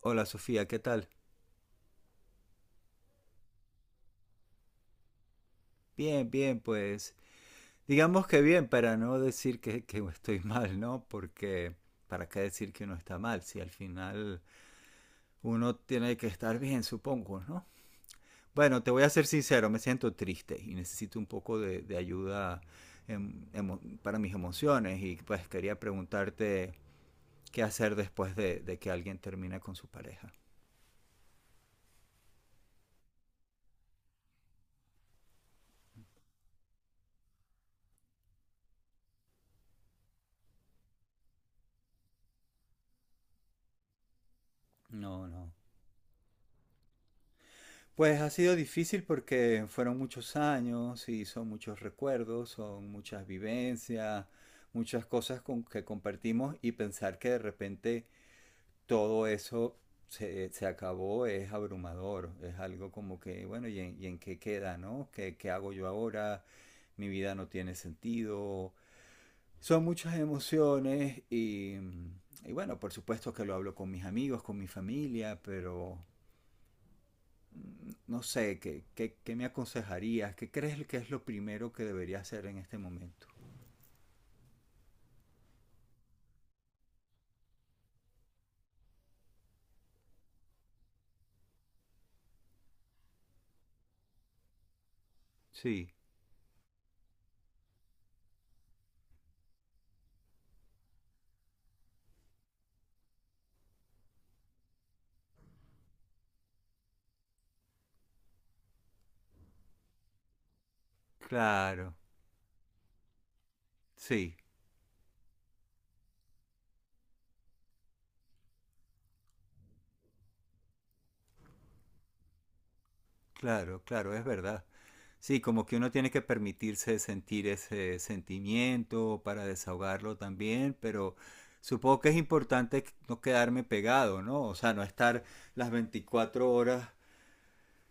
Hola Sofía, ¿qué tal? Bien, bien, pues digamos que bien para no decir que estoy mal, ¿no? Porque ¿para qué decir que uno está mal si al final uno tiene que estar bien, supongo, ¿no? Bueno, te voy a ser sincero, me siento triste y necesito un poco de ayuda para mis emociones y pues quería preguntarte qué hacer después de que alguien termina con su pareja. No, no. Pues ha sido difícil porque fueron muchos años y son muchos recuerdos, son muchas vivencias, muchas cosas con que compartimos y pensar que de repente todo eso se acabó es abrumador, es algo como que, bueno, ¿y en qué queda, no? ¿Qué hago yo ahora? Mi vida no tiene sentido. Son muchas emociones y bueno, por supuesto que lo hablo con mis amigos, con mi familia, pero no sé, ¿qué me aconsejarías? ¿Qué crees que es lo primero que debería hacer en este momento? Sí, claro, sí, claro, claro, es verdad. Sí, como que uno tiene que permitirse sentir ese sentimiento para desahogarlo también, pero supongo que es importante no quedarme pegado, ¿no? O sea, no estar las 24 horas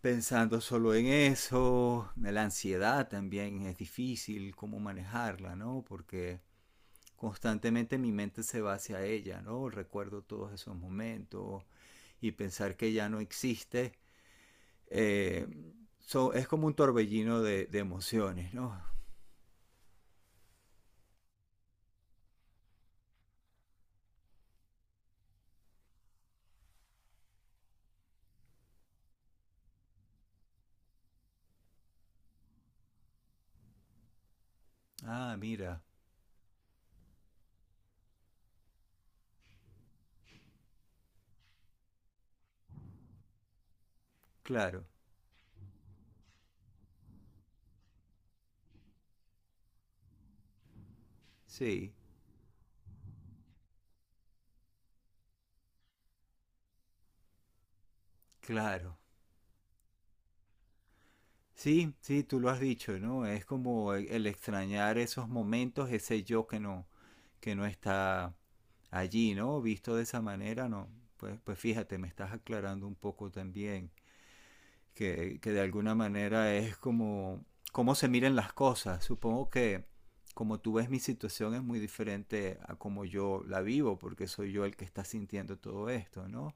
pensando solo en eso. La ansiedad también es difícil cómo manejarla, ¿no? Porque constantemente mi mente se va hacia ella, ¿no? Recuerdo todos esos momentos y pensar que ya no existe. eh, es como un torbellino de emociones, ¿no? Ah, mira, claro, sí, claro. Sí, sí, tú lo has dicho, ¿no? Es como el extrañar esos momentos, ese yo que no está allí, ¿no? Visto de esa manera, ¿no? Pues fíjate, me estás aclarando un poco también. Que de alguna manera es como cómo se miran las cosas. Supongo que como tú ves mi situación es muy diferente a como yo la vivo, porque soy yo el que está sintiendo todo esto, ¿no?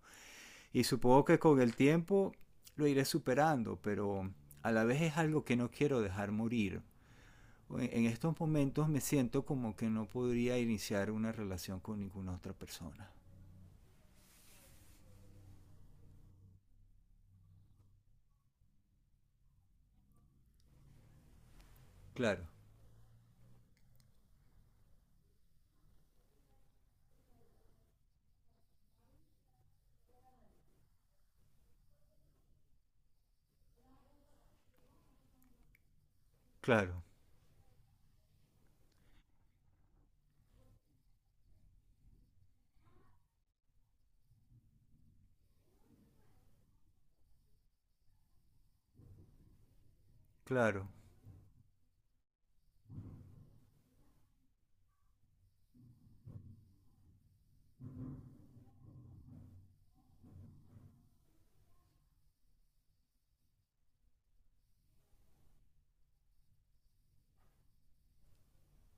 Y supongo que con el tiempo lo iré superando, pero a la vez es algo que no quiero dejar morir. En estos momentos me siento como que no podría iniciar una relación con ninguna otra persona. Claro, claro, claro,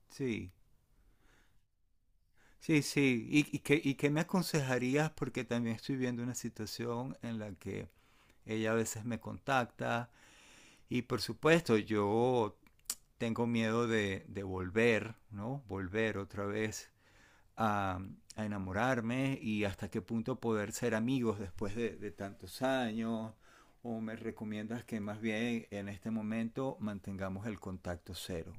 sí. Sí, sí. ¿Y qué me aconsejarías? Porque también estoy viendo una situación en la que ella a veces me contacta y por supuesto yo tengo miedo de volver, ¿no? Volver otra vez a, a enamorarme y hasta qué punto poder ser amigos después de tantos años. ¿O me recomiendas que más bien en este momento mantengamos el contacto cero?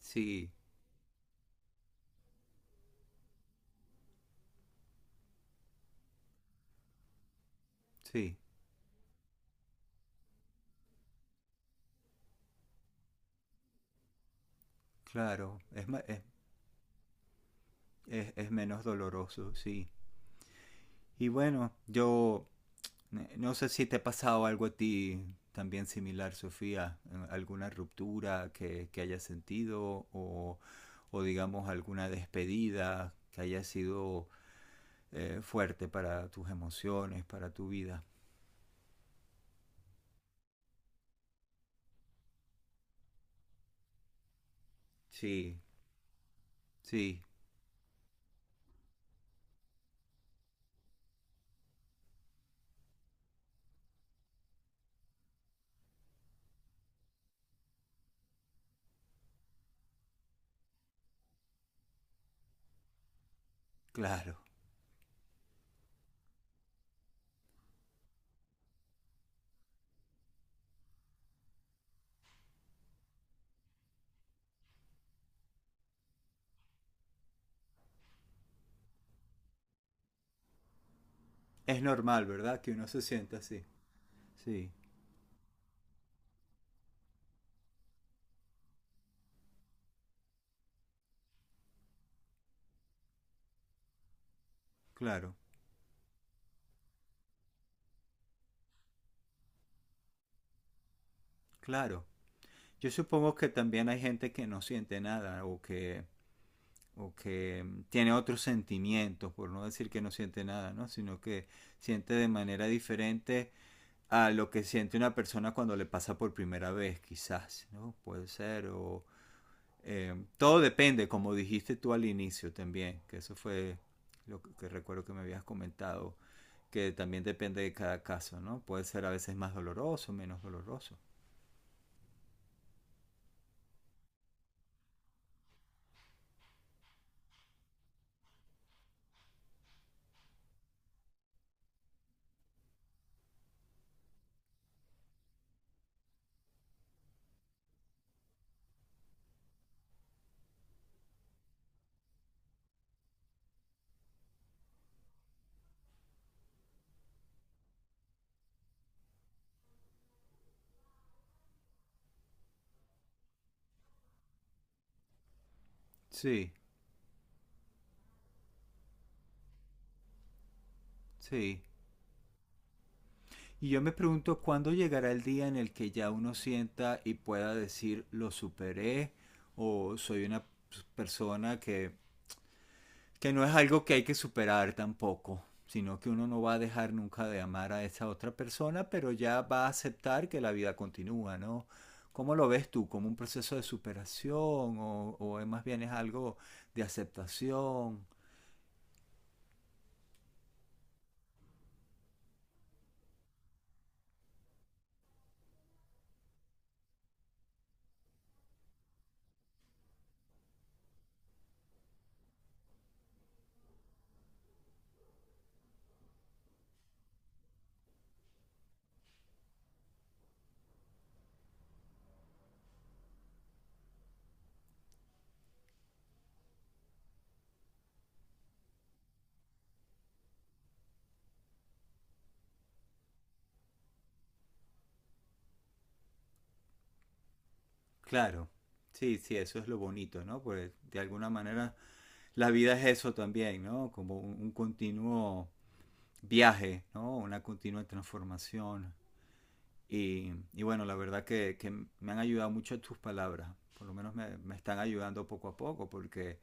Sí, sí, claro. Es, ma- Es menos doloroso, sí. Y bueno, yo no sé si te ha pasado algo a ti también similar, Sofía, alguna ruptura que hayas sentido o, digamos alguna despedida que haya sido fuerte para tus emociones, para tu vida. Sí, sí, claro. Es normal, ¿verdad? Que uno se sienta así. Sí, claro, claro. Yo supongo que también hay gente que no siente nada o que tiene otros sentimientos, por no decir que no siente nada, ¿no? Sino que siente de manera diferente a lo que siente una persona cuando le pasa por primera vez, quizás, ¿no? Puede ser, o todo depende, como dijiste tú al inicio también, que eso fue que recuerdo que me habías comentado, que también depende de cada caso, ¿no? Puede ser a veces más doloroso, menos doloroso. Sí, sí. Y yo me pregunto cuándo llegará el día en el que ya uno sienta y pueda decir lo superé o soy una persona que no es algo que hay que superar tampoco, sino que uno no va a dejar nunca de amar a esa otra persona, pero ya va a aceptar que la vida continúa, ¿no? ¿Cómo lo ves tú? ¿Como un proceso de superación o más bien es algo de aceptación? Claro, sí, sí, eso es lo bonito, ¿no? Porque de alguna manera la vida es eso también, ¿no? Como un continuo viaje, ¿no? Una continua transformación. Y bueno, la verdad que me han ayudado mucho tus palabras, por lo menos me están ayudando poco a poco, porque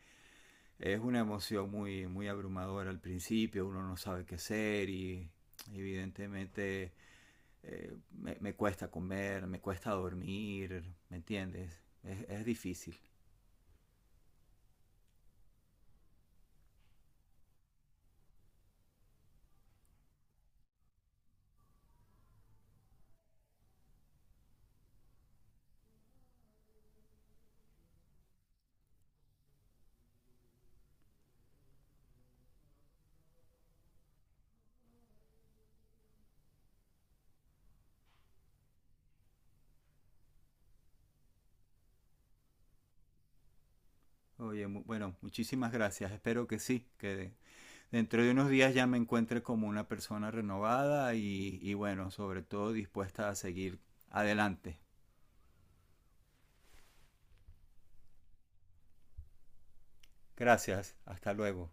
es una emoción muy, muy abrumadora al principio, uno no sabe qué hacer y evidentemente me cuesta comer, me cuesta dormir, ¿me entiendes? Es difícil. Oye, bueno, muchísimas gracias. Espero que sí, dentro de unos días ya me encuentre como una persona renovada y bueno, sobre todo dispuesta a seguir adelante. Gracias, hasta luego.